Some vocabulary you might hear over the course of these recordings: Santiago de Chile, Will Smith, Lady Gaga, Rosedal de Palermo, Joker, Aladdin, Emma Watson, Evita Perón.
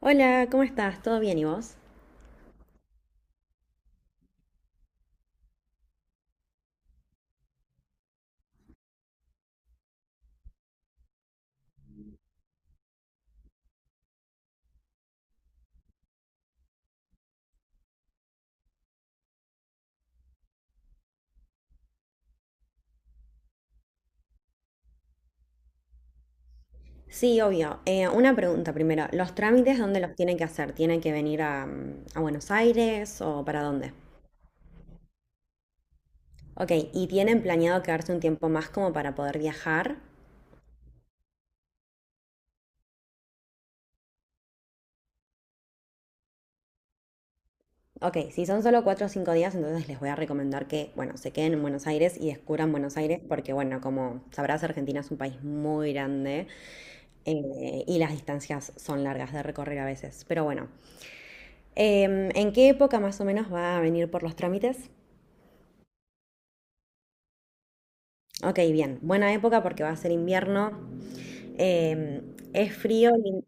Hola, ¿cómo estás? ¿Todo bien y vos? Sí, obvio. Una pregunta primero. ¿Los trámites dónde los tienen que hacer? ¿Tienen que venir a Buenos Aires o para dónde? Ok, ¿y tienen planeado quedarse un tiempo más como para poder viajar? Ok, si son solo 4 o 5 días, entonces les voy a recomendar que, bueno, se queden en Buenos Aires y descubran Buenos Aires porque, bueno, como sabrás, Argentina es un país muy grande, y las distancias son largas de recorrer a veces. Pero bueno, ¿en qué época más o menos va a venir por los trámites? Ok, bien. Buena época porque va a ser invierno. Es frío.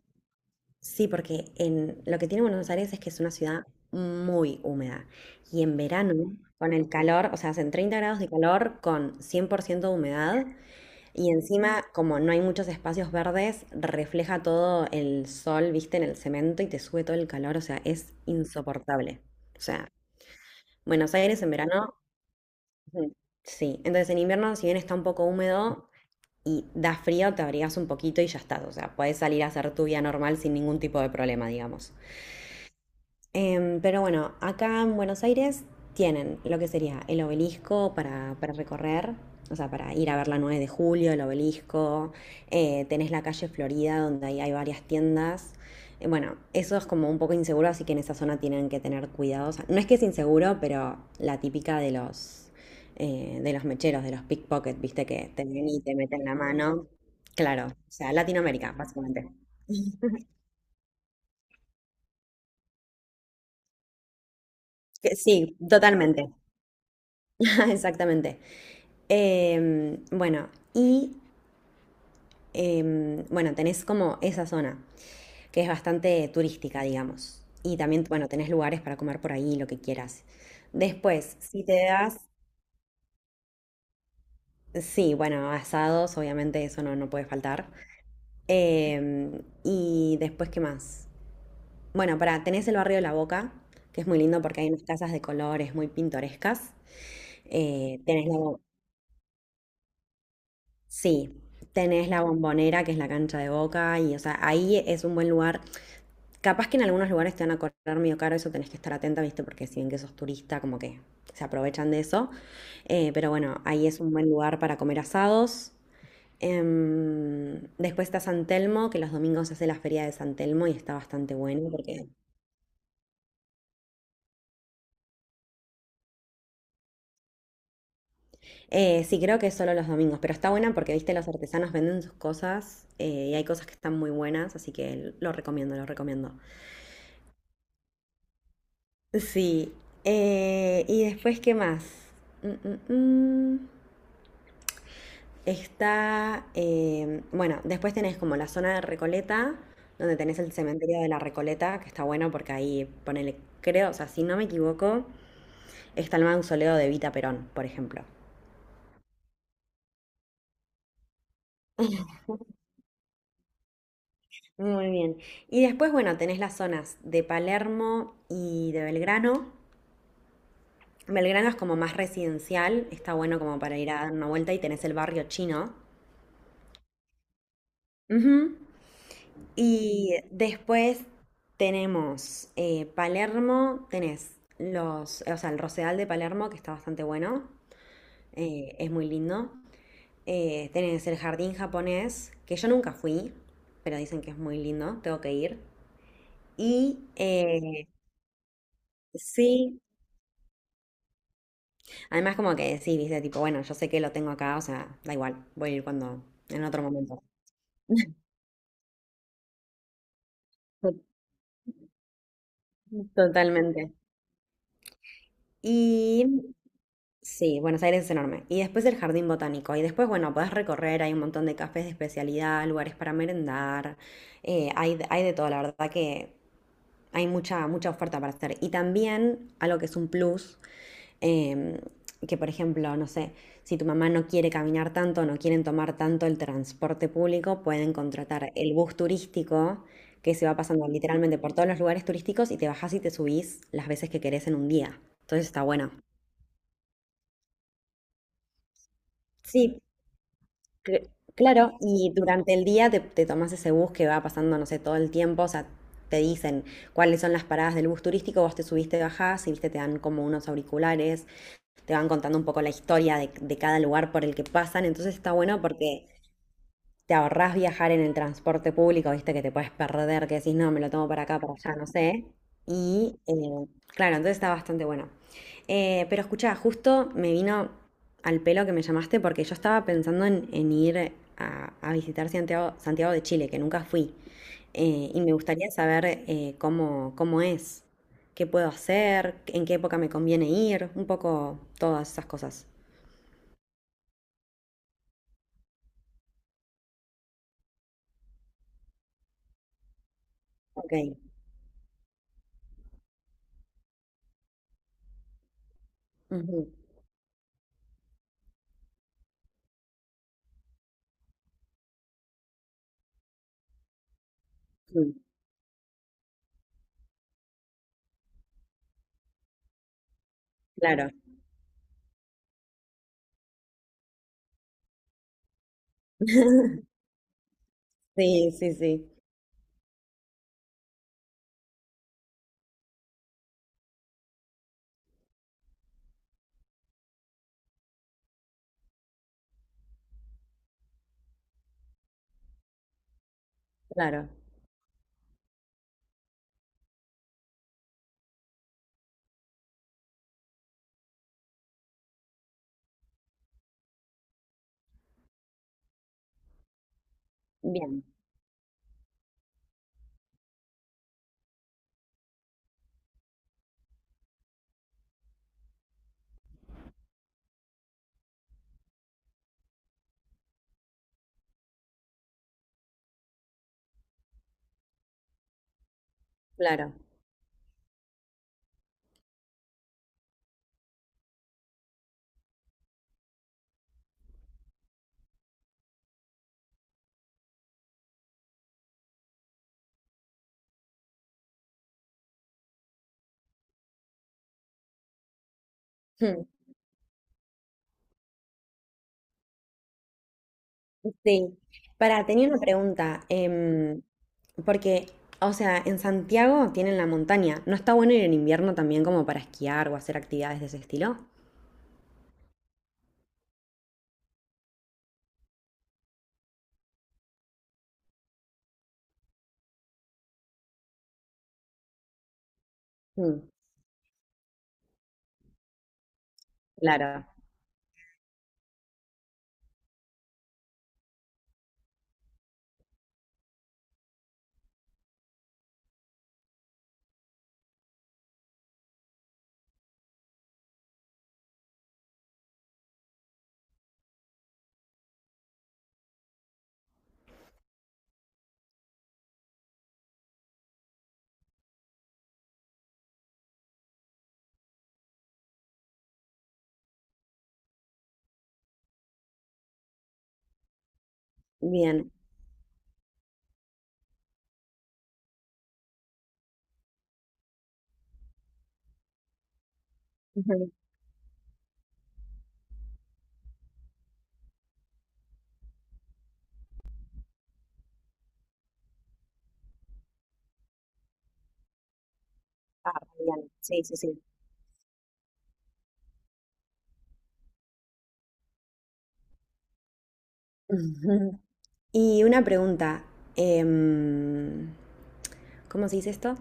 Sí, porque en, lo que tiene Buenos Aires es que es una ciudad muy húmeda. Y en verano, con el calor, o sea, hacen 30 grados de calor con 100% de humedad. Y encima, como no hay muchos espacios verdes, refleja todo el sol, viste, en el cemento y te sube todo el calor. O sea, es insoportable. O sea, Buenos Aires en verano, ujú, sí. Entonces en invierno, si bien está un poco húmedo, y da frío, te abrigas un poquito y ya estás. O sea, puedes salir a hacer tu vida normal sin ningún tipo de problema, digamos. Pero bueno, acá en Buenos Aires tienen lo que sería el obelisco para recorrer, o sea, para ir a ver la 9 de julio, el obelisco. Tenés la calle Florida, donde ahí hay varias tiendas. Bueno, eso es como un poco inseguro, así que en esa zona tienen que tener cuidado. O sea, no es que es inseguro, pero la típica de los mecheros, de los pickpockets, viste, que te ven y te meten la mano. Claro, o sea, Latinoamérica, básicamente. Que sí, totalmente, exactamente. Eh, bueno, y bueno, tenés como esa zona, que es bastante turística, digamos. Y también, bueno, tenés lugares para comer por ahí, lo que quieras. Después, si te das, sí, bueno, asados, obviamente eso no, no puede faltar. Eh, y después, ¿qué más? Bueno, para, tenés el barrio de La Boca, que es muy lindo porque hay unas casas de colores muy pintorescas. Eh, tenés la, bo- sí, tenés la Bombonera, que es la cancha de Boca, y o sea, ahí es un buen lugar. Capaz que en algunos lugares te van a cobrar medio caro, eso tenés que estar atenta, ¿viste? Porque si bien que sos turista, como que se aprovechan de eso. Pero bueno, ahí es un buen lugar para comer asados. Después está San Telmo, que los domingos se hace la feria de San Telmo y está bastante bueno porque... sí, creo que es solo los domingos, pero está buena porque, viste, los artesanos venden sus cosas, y hay cosas que están muy buenas, así que lo recomiendo, lo recomiendo. Sí. Y después, ¿qué más? Mm, mm, mm. Está, bueno, después tenés como la zona de Recoleta, donde tenés el cementerio de la Recoleta, que está bueno porque ahí, ponele, creo, o sea, si no me equivoco, está el mausoleo de Evita Perón, por ejemplo. Muy bien. Y después, bueno, tenés las zonas de Palermo y de Belgrano. Belgrano es como más residencial, está bueno como para ir a dar una vuelta y tenés el barrio chino. Ujú. Y después tenemos Palermo, tenés los, o sea, el Rosedal de Palermo, que está bastante bueno, es muy lindo. Tenés el jardín japonés, que yo nunca fui, pero dicen que es muy lindo, tengo que ir. Y eh, sí, además como que sí, viste, tipo, bueno, yo sé que lo tengo acá, o sea, da igual, voy a ir cuando, en otro momento. Totalmente. Y sí, Buenos Aires es enorme. Y después el jardín botánico. Y después, bueno, podés recorrer, hay un montón de cafés de especialidad, lugares para merendar, hay de todo, la verdad que hay mucha, mucha oferta para hacer. Y también algo que es un plus, em, que por ejemplo, no sé, si tu mamá no quiere caminar tanto, no quieren tomar tanto el transporte público, pueden contratar el bus turístico que se va pasando literalmente por todos los lugares turísticos y te bajás y te subís las veces que querés en un día. Entonces está bueno. Sí, claro, y durante el día te tomas ese bus que va pasando, no sé, todo el tiempo, o sea, te dicen cuáles son las paradas del bus turístico, vos te subiste, bajás y viste, te dan como unos auriculares, te van contando un poco la historia de cada lugar por el que pasan, entonces está bueno porque te ahorrás viajar en el transporte público, viste que te puedes perder, que decís, no, me lo tomo para acá, para allá, no sé. Y eh, claro, entonces está bastante bueno. Pero escuchá, justo me vino al pelo que me llamaste porque yo estaba pensando en ir a visitar Santiago, Santiago de Chile, que nunca fui. Y me gustaría saber cómo, cómo es, qué puedo hacer, en qué época me conviene ir, un poco todas esas cosas. Ok. Ujú. Mm, claro. Sí, sí, sí. Claro, bien, claro. Hmm. Sí. Para, tenía una pregunta, porque, o sea, en Santiago tienen la montaña. ¿No está bueno ir en invierno también como para esquiar o hacer actividades de ese estilo? Mm, claro, bien. Ujú. Ah, bien, sí, sí, sí. Ujú. Y una pregunta, em, ¿cómo se dice esto?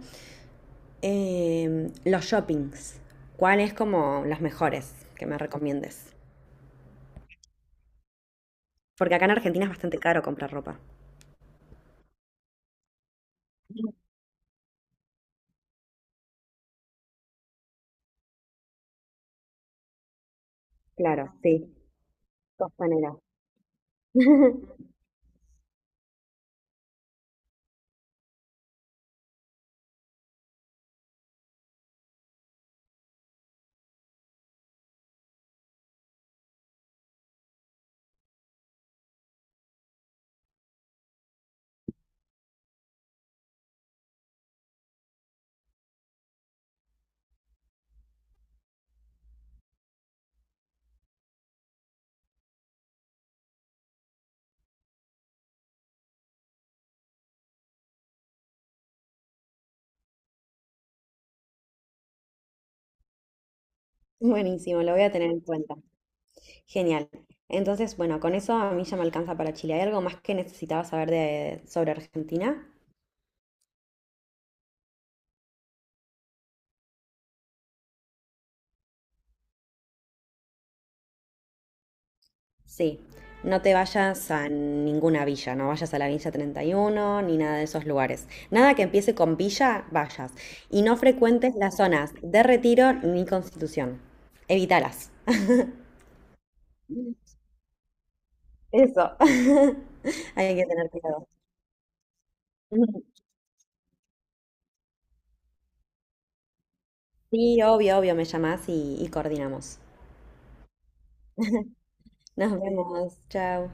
Los shoppings, ¿cuáles como los mejores que me recomiendes? Porque acá en Argentina es bastante caro comprar ropa. Claro, sí, Costanera. Buenísimo, lo voy a tener en cuenta. Genial. Entonces, bueno, con eso a mí ya me alcanza para Chile. ¿Hay algo más que necesitabas saber de, sobre Argentina? Sí, no te vayas a ninguna villa, no vayas a la Villa 31 ni nada de esos lugares. Nada que empiece con villa, vayas. Y no frecuentes las zonas de Retiro ni Constitución. Evítalas. Eso. Hay que tener cuidado. Sí, obvio, obvio, me llamás y coordinamos. Nos vemos. Chao.